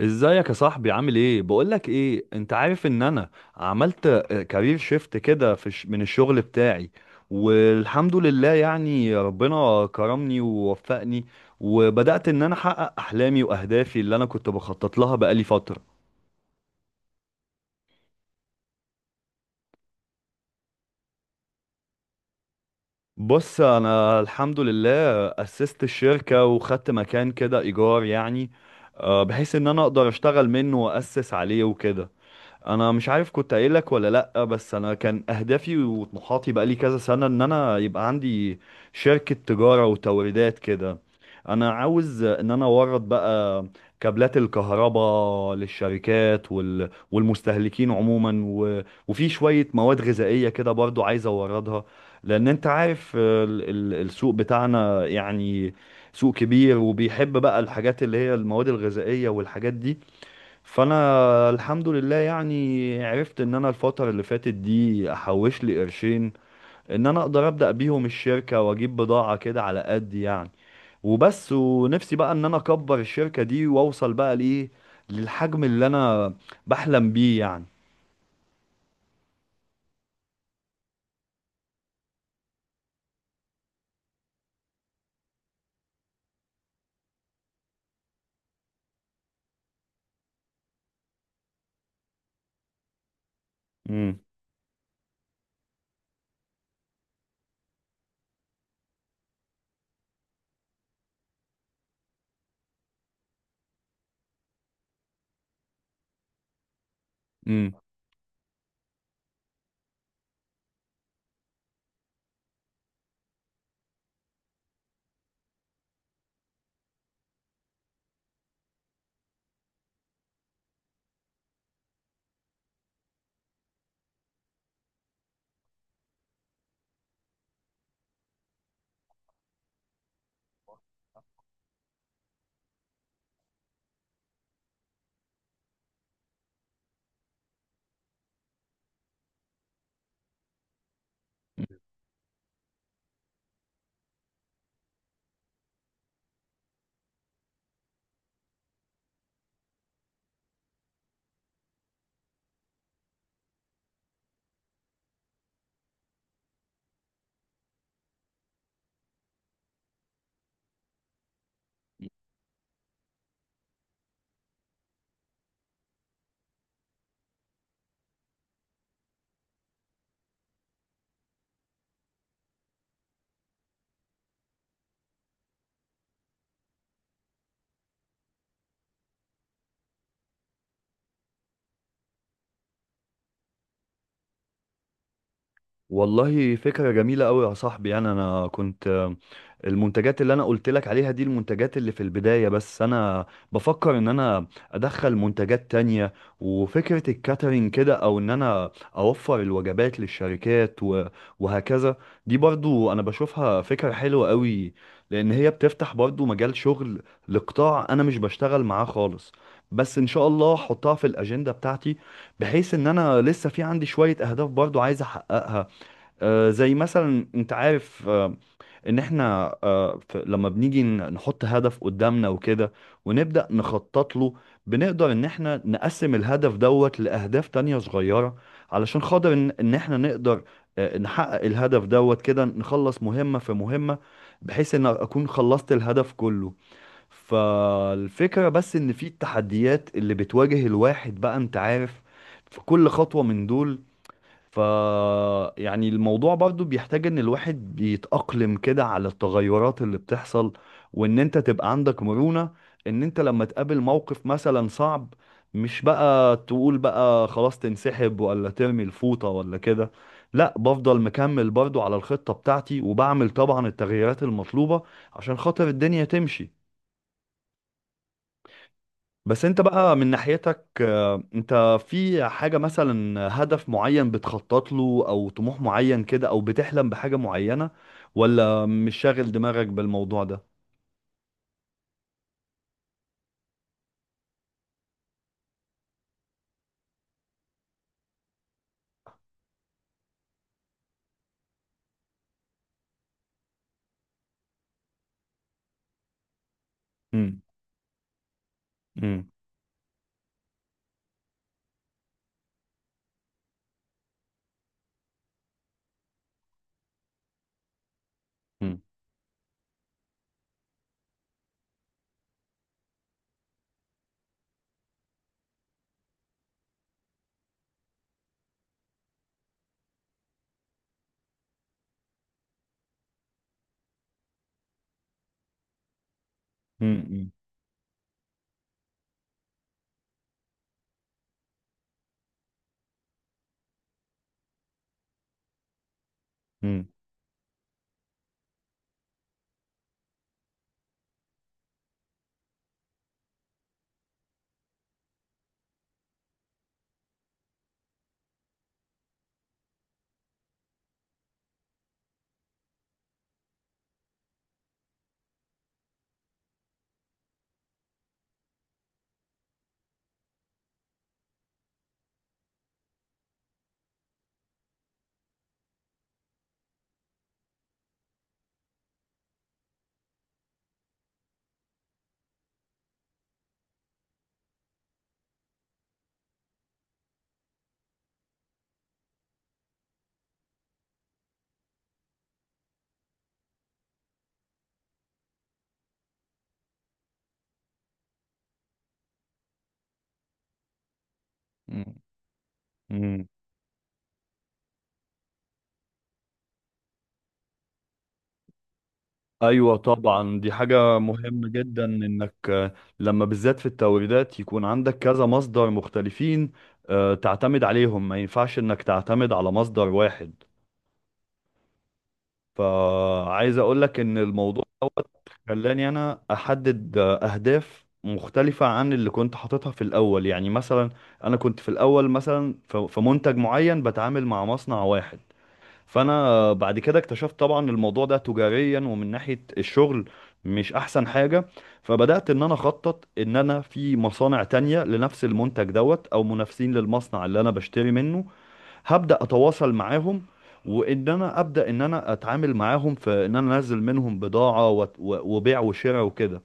ازيك يا صاحبي؟ عامل ايه؟ بقولك ايه، انت عارف ان انا عملت كارير شيفت كده من الشغل بتاعي. والحمد لله يعني ربنا كرمني ووفقني، وبدأت ان انا احقق احلامي واهدافي اللي انا كنت بخطط لها بقالي فترة. بص، انا الحمد لله اسست الشركة وخدت مكان كده ايجار، يعني بحيث ان انا اقدر اشتغل منه واسس عليه وكده. انا مش عارف كنت قايل لك ولا لا، بس انا كان اهدافي وطموحاتي بقالي كذا سنة ان انا يبقى عندي شركة تجارة وتوريدات كده. انا عاوز ان انا اورد بقى كابلات الكهرباء للشركات والمستهلكين عموما، وفي شوية مواد غذائية كده برضو عايز اوردها. لان انت عارف السوق بتاعنا، يعني سوق كبير وبيحب بقى الحاجات اللي هي المواد الغذائية والحاجات دي. فانا الحمد لله يعني عرفت ان انا الفترة اللي فاتت دي احوش لي قرشين، ان انا اقدر ابدأ بيهم الشركة واجيب بضاعة كده على قد يعني وبس. ونفسي بقى ان انا اكبر الشركة دي واوصل بقى لايه، للحجم اللي انا بحلم بيه يعني. امم، امم. والله فكرة جميلة أوي يا صاحبي، يعني أنا كنت آه، المنتجات اللي أنا قلت لك عليها دي المنتجات اللي في البداية، بس أنا بفكر إن أنا أدخل منتجات تانية. وفكرة الكاترينج كده، أو إن أنا أوفر الوجبات للشركات وهكذا. دي برضو أنا بشوفها فكرة حلوة أوي، لأن هي بتفتح برضو مجال شغل لقطاع أنا مش بشتغل معاه خالص. بس إن شاء الله أحطها في الأجندة بتاعتي، بحيث إن أنا لسه في عندي شوية أهداف برضو عايز أحققها. زي مثلا انت عارف، ان احنا، لما بنيجي نحط هدف قدامنا وكده ونبدأ نخطط له، بنقدر ان احنا نقسم الهدف دوت لأهداف تانية صغيرة، علشان خاطر ان احنا نقدر نحقق الهدف دوت كده، نخلص مهمة في مهمة، بحيث ان اكون خلصت الهدف كله. فالفكرة بس ان في التحديات اللي بتواجه الواحد بقى، انت عارف، في كل خطوة من دول، ف يعني الموضوع برضو بيحتاج ان الواحد بيتأقلم كده على التغيرات اللي بتحصل، وان انت تبقى عندك مرونة، ان انت لما تقابل موقف مثلا صعب، مش بقى تقول بقى خلاص تنسحب ولا ترمي الفوطة ولا كده. لا، بفضل مكمل برضو على الخطة بتاعتي، وبعمل طبعا التغييرات المطلوبة عشان خاطر الدنيا تمشي. بس انت بقى من ناحيتك، انت في حاجة مثلا هدف معين بتخطط له او طموح معين كده او بتحلم بحاجة معينة، ولا مش شاغل دماغك بالموضوع ده؟ مم. مم. مم. مم. مم. مم. مم. ايوه، طبعا دي حاجة مهمة جدا انك، لما بالذات في التوريدات، يكون عندك كذا مصدر مختلفين تعتمد عليهم، ما ينفعش انك تعتمد على مصدر واحد. فعايز اقولك ان الموضوع خلاني انا احدد اهداف مختلفة عن اللي كنت حاططها في الاول. يعني مثلا انا كنت في الاول مثلا في منتج معين بتعامل مع مصنع واحد، فانا بعد كده اكتشفت طبعا الموضوع ده تجاريا ومن ناحية الشغل مش احسن حاجة. فبدأت ان انا اخطط ان انا في مصانع تانية لنفس المنتج دوت او منافسين للمصنع اللي انا بشتري منه، هبدأ اتواصل معاهم. وان انا ابدا ان انا اتعامل معاهم في ان انا انزل منهم بضاعه، وبيع وشراء وكده.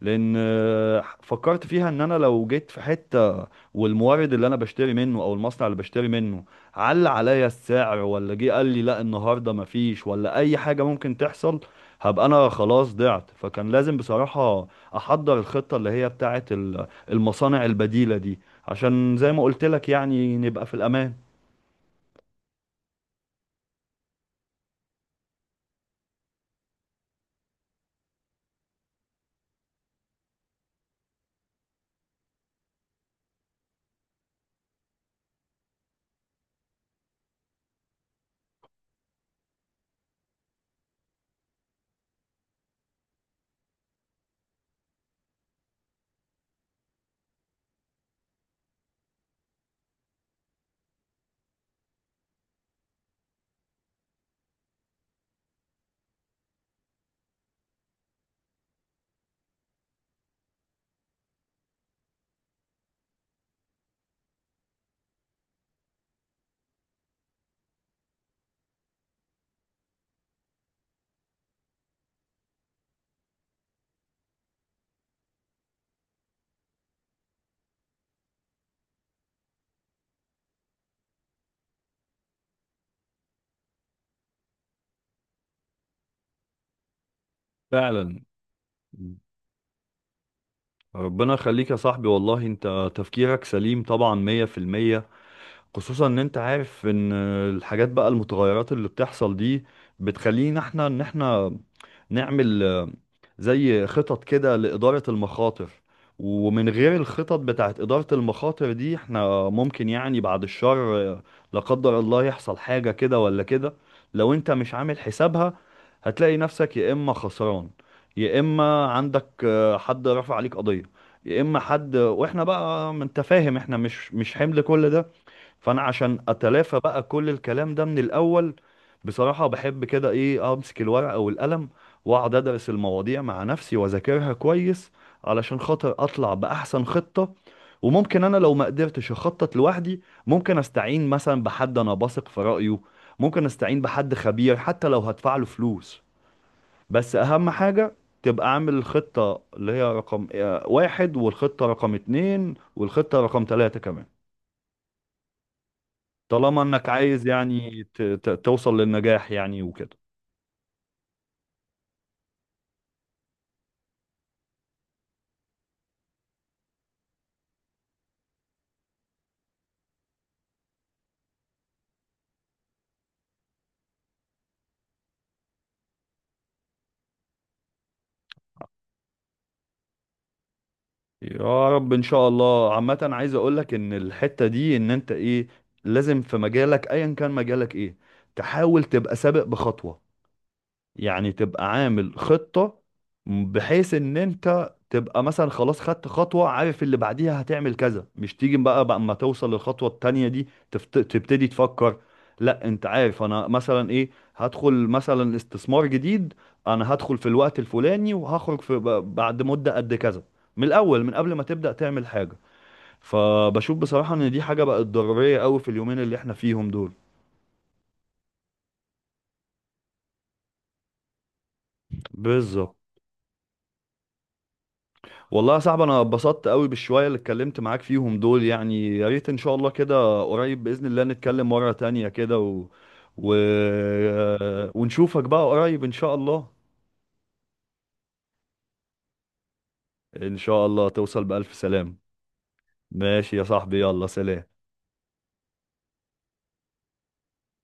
لان فكرت فيها ان انا لو جيت في حته والمورد اللي انا بشتري منه او المصنع اللي بشتري منه على عليا السعر، ولا جه قال لي لا النهارده مفيش، ولا اي حاجه ممكن تحصل، هبقى انا خلاص ضعت. فكان لازم بصراحه احضر الخطه اللي هي بتاعه المصانع البديله دي، عشان زي ما قلت لك يعني نبقى في الامان. فعلا. ربنا يخليك يا صاحبي، والله انت تفكيرك سليم طبعا 100%. خصوصا ان انت عارف ان الحاجات بقى، المتغيرات اللي بتحصل دي، بتخلينا احنا ان احنا نعمل زي خطط كده لإدارة المخاطر. ومن غير الخطط بتاعت إدارة المخاطر دي، احنا ممكن يعني بعد الشر، آه، لا قدر الله، يحصل حاجة كده ولا كده. لو انت مش عامل حسابها، هتلاقي نفسك يا إما خسران، يا إما عندك حد رفع عليك قضية، يا إما حد، واحنا بقى ما انت فاهم احنا مش حمل كل ده. فانا عشان اتلافى بقى كل الكلام ده من الاول، بصراحة بحب كده ايه، امسك الورقة والقلم واقعد ادرس المواضيع مع نفسي واذاكرها كويس، علشان خاطر اطلع باحسن خطة. وممكن انا لو ما قدرتش اخطط لوحدي، ممكن استعين مثلا بحد انا بثق في رأيه، ممكن استعين بحد خبير حتى لو هدفع له فلوس. بس اهم حاجة تبقى عامل الخطة اللي هي رقم واحد، والخطة رقم 2، والخطة رقم 3 كمان. طالما انك عايز يعني توصل للنجاح يعني وكده. يا رب ان شاء الله. عامة، عايز اقولك ان الحتة دي ان انت ايه، لازم في مجالك ايا كان مجالك ايه، تحاول تبقى سابق بخطوة، يعني تبقى عامل خطة، بحيث ان انت تبقى مثلا خلاص خدت خطوة، عارف اللي بعديها هتعمل كذا، مش تيجي بقى اما توصل للخطوة التانية دي تبتدي تفكر. لا، انت عارف انا مثلا ايه، هدخل مثلا استثمار جديد، انا هدخل في الوقت الفلاني وهخرج في بعد مدة قد كذا، من الاول، من قبل ما تبدأ تعمل حاجة. فبشوف بصراحة ان دي حاجة بقت ضرورية قوي في اليومين اللي احنا فيهم دول. بالظبط. والله يا صاحبي انا اتبسطت قوي بالشويه اللي اتكلمت معاك فيهم دول، يعني يا ريت ان شاء الله كده قريب باذن الله نتكلم مره تانية كده و... ونشوفك بقى قريب ان شاء الله. ان شاء الله توصل بألف سلام. ماشي يا صاحبي، يلا سلام.